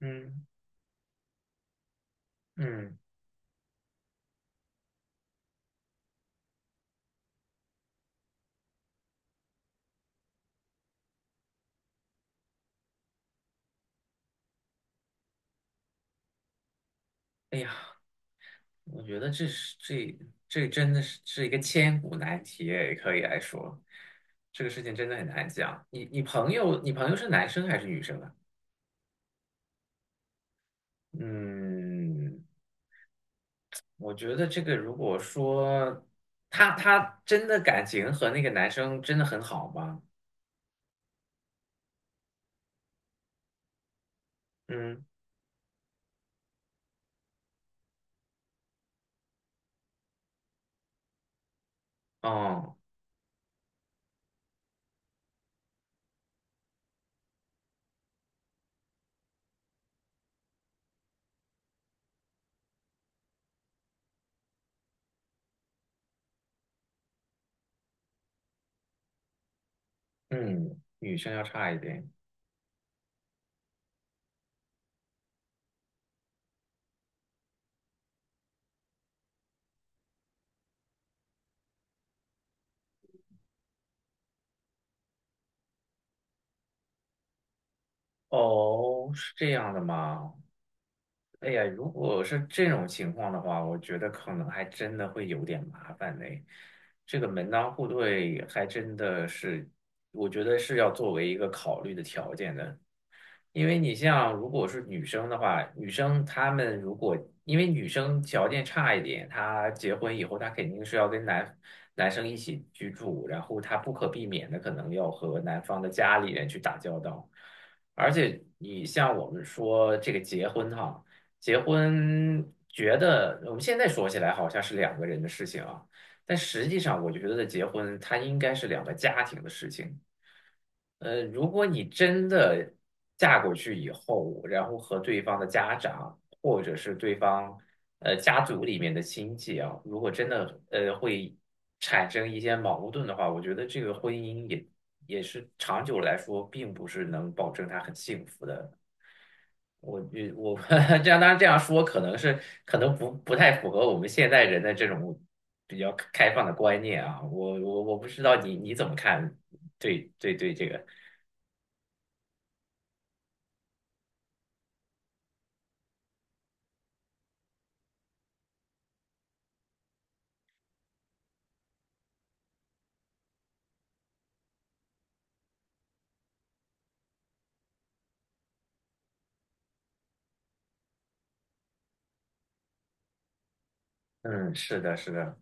嗯嗯，哎呀，我觉得这真的是一个千古难题，也可以来说，这个事情真的很难讲。你朋友，你朋友是男生还是女生啊？嗯，我觉得这个如果说他真的感情和那个男生真的很好吗？嗯，哦，嗯，女生要差一点。哦，是这样的吗？哎呀，如果是这种情况的话，我觉得可能还真的会有点麻烦呢。这个门当户对还真的是，我觉得是要作为一个考虑的条件的。因为你像如果是女生的话，女生她们如果因为女生条件差一点，她结婚以后她肯定是要跟生一起居住，然后她不可避免的可能要和男方的家里人去打交道，而且你像我们说这个结婚哈，结婚觉得我们现在说起来好像是两个人的事情啊，但实际上我就觉得结婚它应该是两个家庭的事情。如果你真的嫁过去以后，然后和对方的家长或者是对方家族里面的亲戚啊，如果真的会产生一些矛盾的话，我觉得这个婚姻也是长久来说，并不是能保证他很幸福的。我觉我 这样当然这样说可能不太符合我们现代人的这种比较开放的观念啊。我不知道你怎么看，对对对，这个。嗯，是的，是的，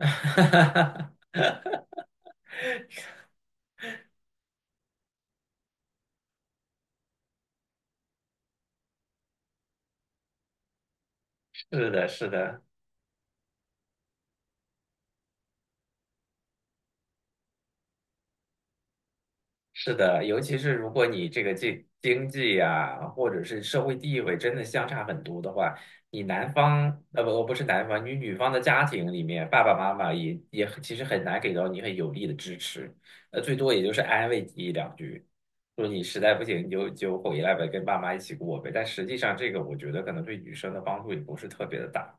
是的，是的，是的，尤其是如果你这个经济呀、或者是社会地位真的相差很多的话，你男方，不是男方，你女方的家庭里面，爸爸妈妈也其实很难给到你很有力的支持，最多也就是安慰你一两句，说你实在不行你就回来呗，跟爸妈一起过呗。但实际上，这个我觉得可能对女生的帮助也不是特别的大。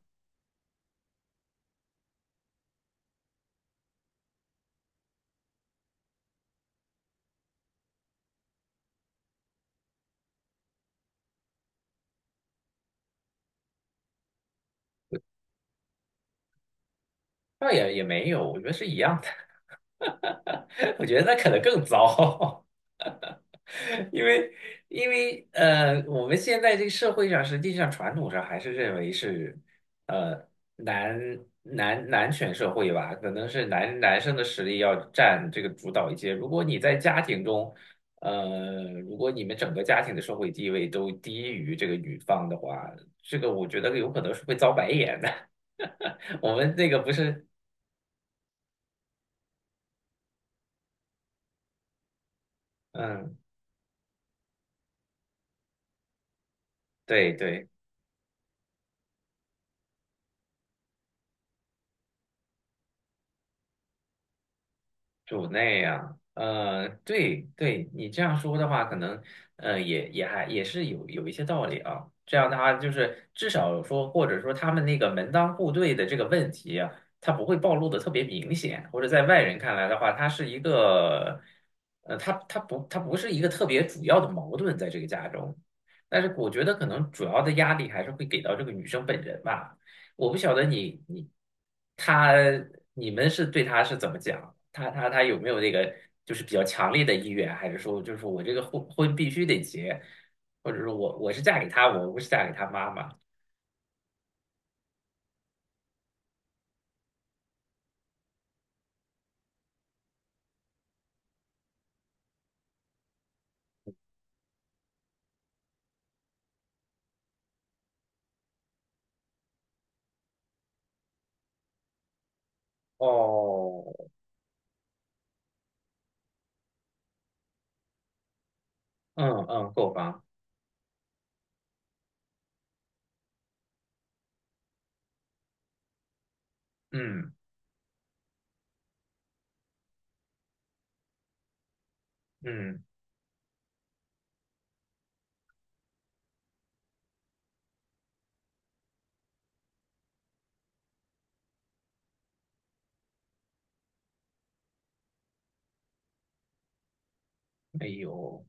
倒也没有，我觉得是一样的。我觉得那可能更糟，因为因为我们现在这个社会上，实际上传统上还是认为是呃男男权社会吧，可能是生的实力要占这个主导一些。如果你在家庭中，如果你们整个家庭的社会地位都低于这个女方的话，这个我觉得有可能是会遭白眼的。我们那个不是，嗯，对对。主内啊，对对，你这样说的话，可能也还是有一些道理啊。这样的话，就是至少说，或者说他们那个门当户对的这个问题啊，它不会暴露的特别明显，或者在外人看来的话，它是一个，它不是一个特别主要的矛盾在这个家中。但是我觉得可能主要的压力还是会给到这个女生本人吧。我不晓得他你们是对他是怎么讲？他有没有那个就是比较强烈的意愿，还是说就是我这个婚必须得结，或者说我是嫁给他，我不是嫁给他妈妈？哦，嗯嗯，购房，嗯嗯，哎呦，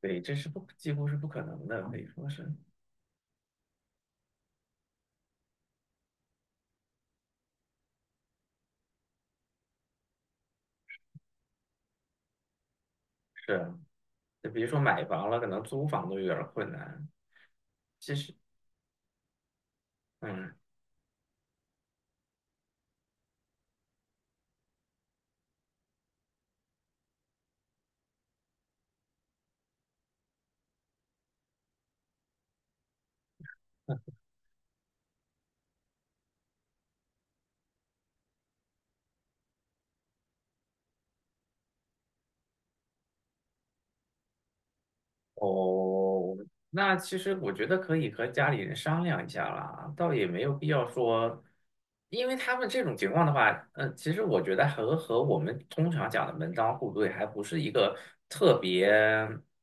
对，这是，不几乎是不可能的，可以说是，就如说买房了，可能租房都有点儿困难。其实，嗯。哦，那其实我觉得可以和家里人商量一下啦，倒也没有必要说，因为他们这种情况的话，其实我觉得和我们通常讲的门当户对还不是一个特别，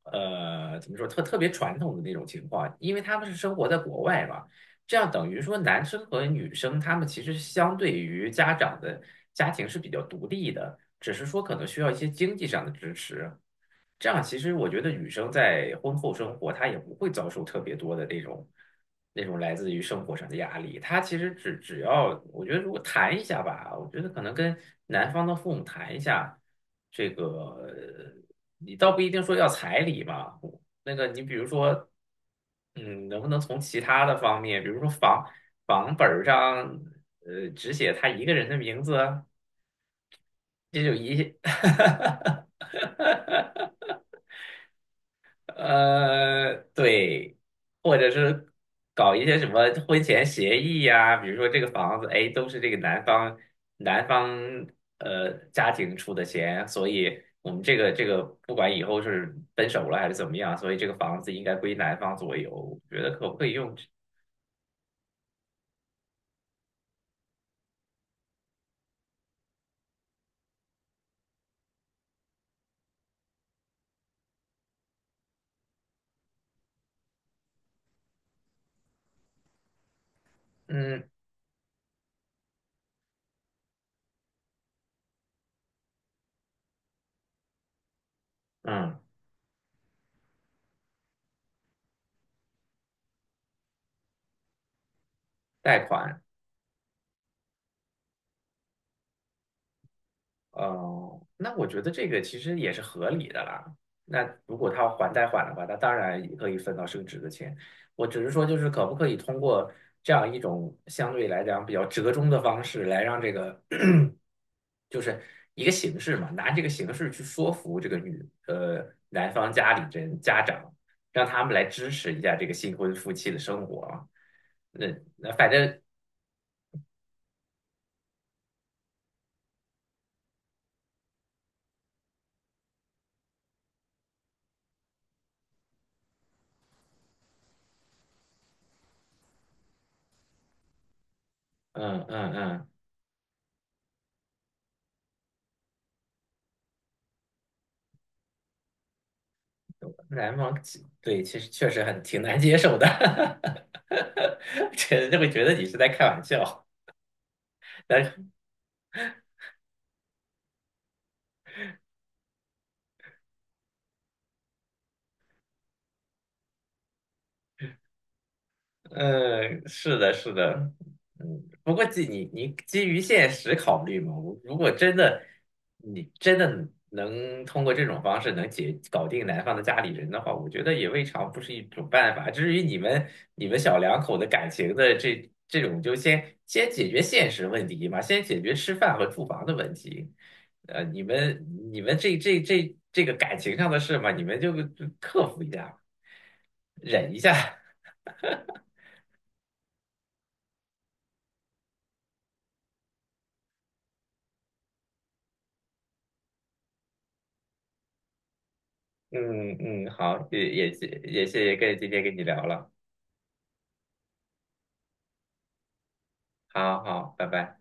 怎么说特别传统的那种情况，因为他们是生活在国外嘛，这样等于说男生和女生他们其实相对于家长的家庭是比较独立的，只是说可能需要一些经济上的支持。这样其实我觉得女生在婚后生活，她也不会遭受特别多的那种来自于生活上的压力。她其实只要我觉得如果谈一下吧，我觉得可能跟男方的父母谈一下，这个你倒不一定说要彩礼嘛，那个你比如说，嗯，能不能从其他的方面，比如说房本儿上，只写他一个人的名字，这就一。对，或者是搞一些什么婚前协议呀、比如说这个房子，哎，都是这个男方家庭出的钱，所以我们这个不管以后是分手了还是怎么样，所以这个房子应该归男方所有。我觉得可不可以用这，嗯嗯，贷款？哦，那我觉得这个其实也是合理的啦。那如果他要还贷款的话，那当然也可以分到升值的钱。我只是说，就是可不可以通过这样一种相对来讲比较折中的方式，来让这个 就是一个形式嘛，拿这个形式去说服这个男方家里人家长，让他们来支持一下这个新婚夫妻的生活啊。那那反正，嗯嗯嗯，篮网，对，其实确实很挺难接受的，这就会觉得你是在开玩笑。但，嗯，是的，是的，嗯，不过你基于现实考虑嘛，我如果真的你真的能通过这种方式能搞定男方的家里人的话，我觉得也未尝不是一种办法。至于你们小两口的感情的这种，就先解决现实问题嘛，先解决吃饭和住房的问题。呃，你们你们这个感情上的事嘛，你们就克服一下，忍一下。嗯嗯，好，也谢谢今天跟你聊了，好好，拜拜。